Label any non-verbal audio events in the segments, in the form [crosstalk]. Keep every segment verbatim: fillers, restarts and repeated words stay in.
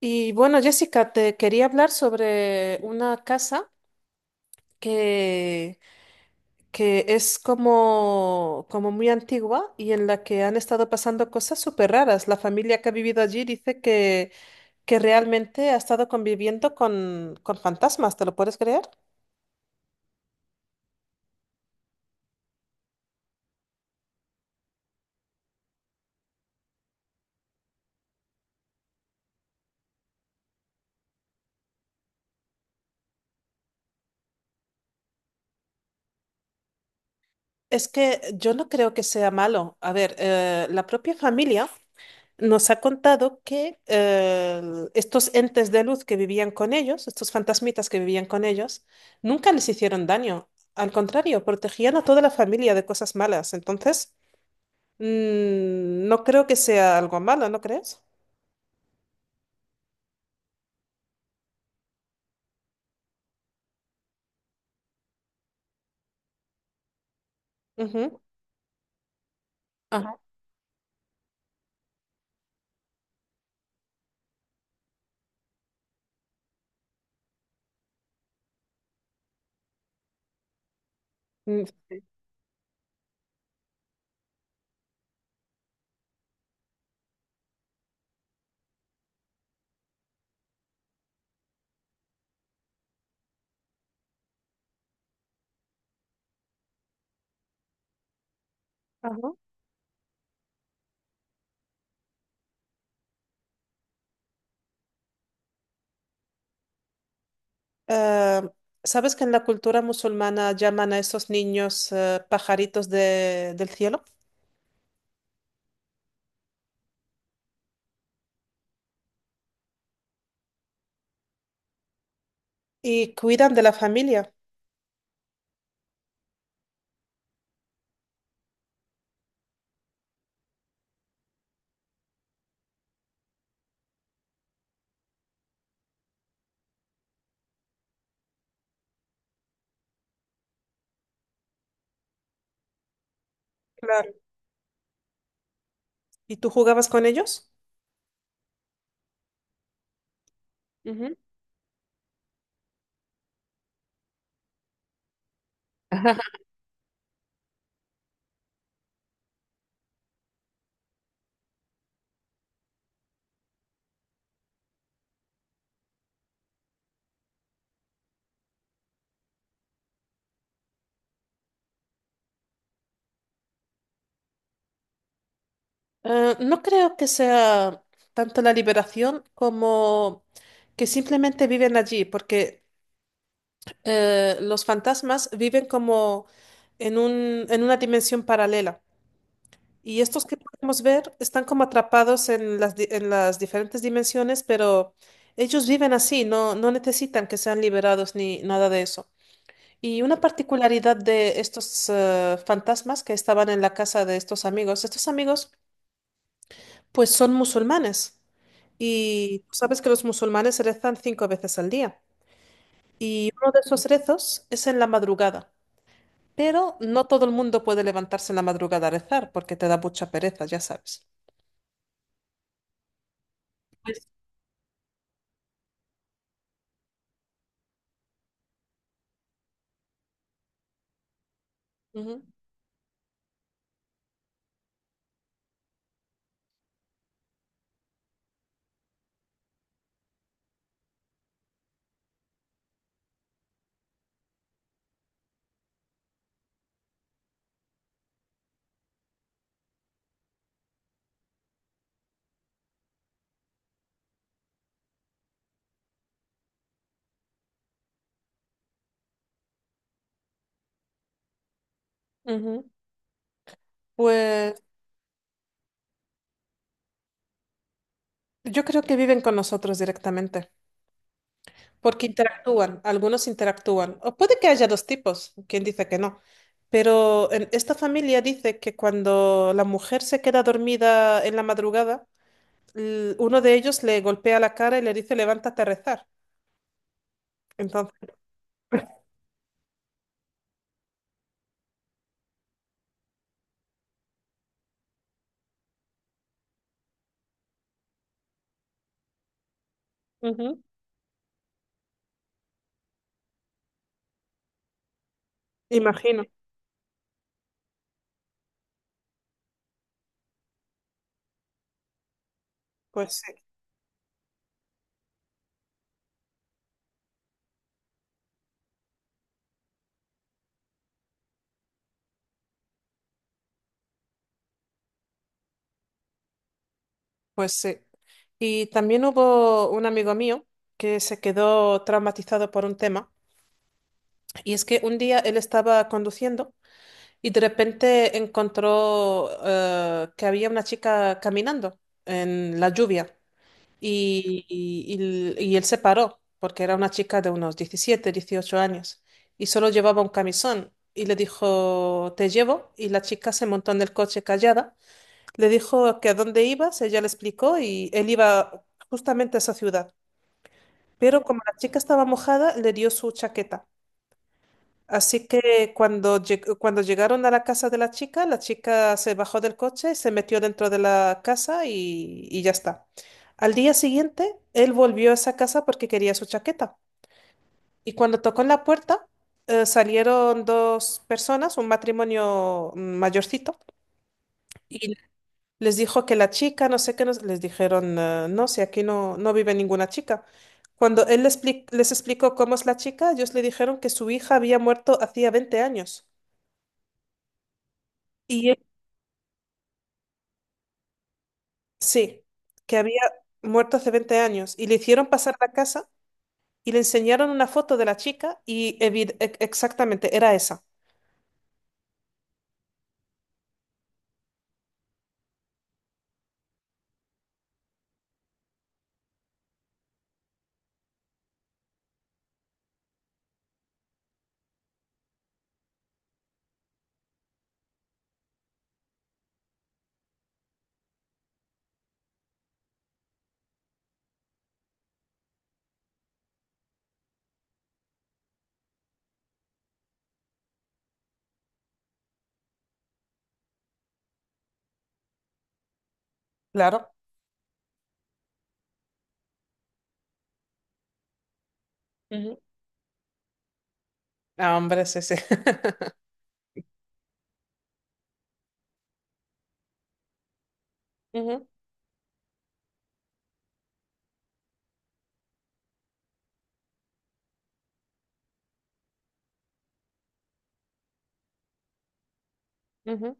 Y bueno, Jessica, te quería hablar sobre una casa que, que es como, como muy antigua y en la que han estado pasando cosas súper raras. La familia que ha vivido allí dice que, que realmente ha estado conviviendo con, con fantasmas, ¿te lo puedes creer? Es que yo no creo que sea malo. A ver, eh, la propia familia nos ha contado que eh, estos entes de luz que vivían con ellos, estos fantasmitas que vivían con ellos, nunca les hicieron daño. Al contrario, protegían a toda la familia de cosas malas. Entonces, mm, no creo que sea algo malo, ¿no crees? Ujú. Ajá. Mm, sí. Ajá. Eh, ¿sabes que en la cultura musulmana llaman a esos niños eh, pajaritos de- del cielo? Y cuidan de la familia. Claro. ¿Y tú jugabas con ellos? Ujú. Eh, no creo que sea tanto la liberación como que simplemente viven allí, porque eh, los fantasmas viven como en un, en una dimensión paralela. Y estos que podemos ver están como atrapados en las, di- en las diferentes dimensiones, pero ellos viven así, no, no necesitan que sean liberados ni nada de eso. Y una particularidad de estos eh, fantasmas que estaban en la casa de estos amigos, estos amigos pues son musulmanes y tú sabes que los musulmanes rezan cinco veces al día y uno de esos rezos es en la madrugada, pero no todo el mundo puede levantarse en la madrugada a rezar porque te da mucha pereza, ya sabes. Pues, ujú, ujú. Pues yo creo que viven con nosotros directamente. Porque interactúan, algunos interactúan. O puede que haya dos tipos, quien dice que no. Pero en esta familia dice que cuando la mujer se queda dormida en la madrugada, l- uno de ellos le golpea la cara y le dice, levántate a rezar. Entonces, ujú, imagino, pues sí, pues sí. Y también hubo un amigo mío que se quedó traumatizado por un tema. Y es que un día él estaba conduciendo. Y de repente encontró eh, que había una chica caminando en la lluvia y, y- y- y él se paró porque era una chica de unos diecisiete, dieciocho años y solo llevaba un camisón y le dijo, te llevo y la chica se montó en el coche callada, le dijo que a dónde ibas, ella le explicó y él iba justamente a esa ciudad. Pero como la chica estaba mojada, le dio su chaqueta. Así que cuando, lleg- cuando llegaron a la casa de la chica, la chica se bajó del coche, se metió dentro de la casa y, y ya está. Al día siguiente, él volvió a esa casa porque quería su chaqueta. Y cuando tocó en la puerta, eh, salieron dos personas, un matrimonio mm, mayorcito, y les dijo que la chica, no sé qué, nos- les dijeron, eh, no, si aquí no, no vive ninguna chica. Cuando él les, expli- les explicó cómo es la chica, ellos le dijeron que su hija había muerto hacía veinte años. Y sí, que había muerto hace veinte años y le hicieron pasar a la casa y le enseñaron una foto de la chica y evi- e- exactamente era esa. Claro. Ujú. Ah, hombre, sí, sí. [laughs] Ujú, ujú.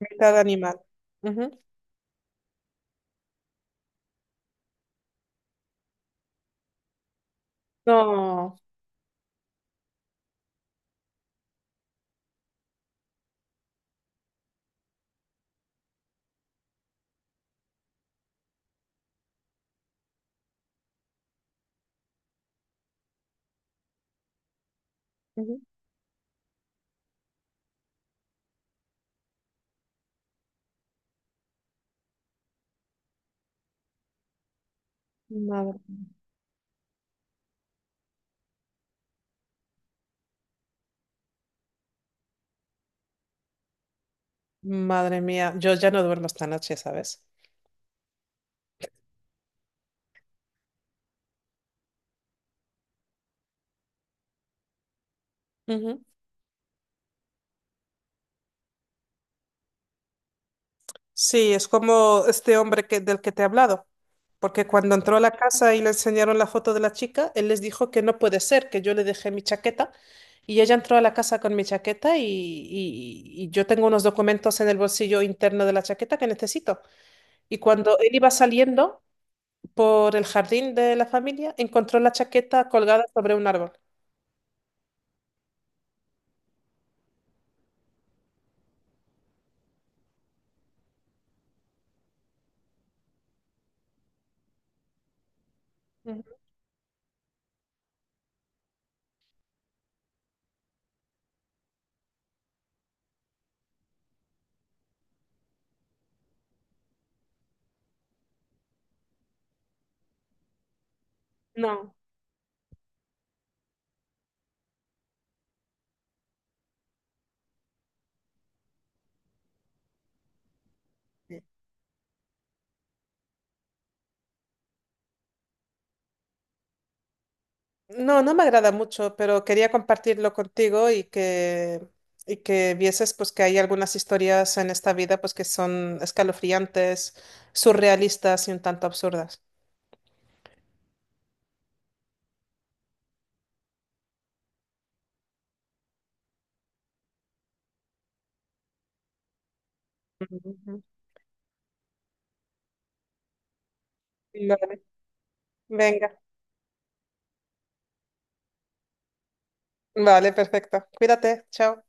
Mitad animal. Ujú. No. Ujú. Madre. Madre mía, yo ya no duermo esta noche, ¿sabes? Ujú. Sí, es como este hombre que, del que te he hablado. Porque cuando entró a la casa y le enseñaron la foto de la chica, él les dijo que no puede ser, que yo le dejé mi chaqueta. Y ella entró a la casa con mi chaqueta y, y- y yo tengo unos documentos en el bolsillo interno de la chaqueta que necesito. Y cuando él iba saliendo por el jardín de la familia, encontró la chaqueta colgada sobre un árbol. Ujú. No. No, no me agrada mucho, pero quería compartirlo contigo y que, y que vieses pues que hay algunas historias en esta vida pues que son escalofriantes, surrealistas y un tanto absurdas. Ujú. Vale. Venga. Vale, perfecto. Cuídate, chao.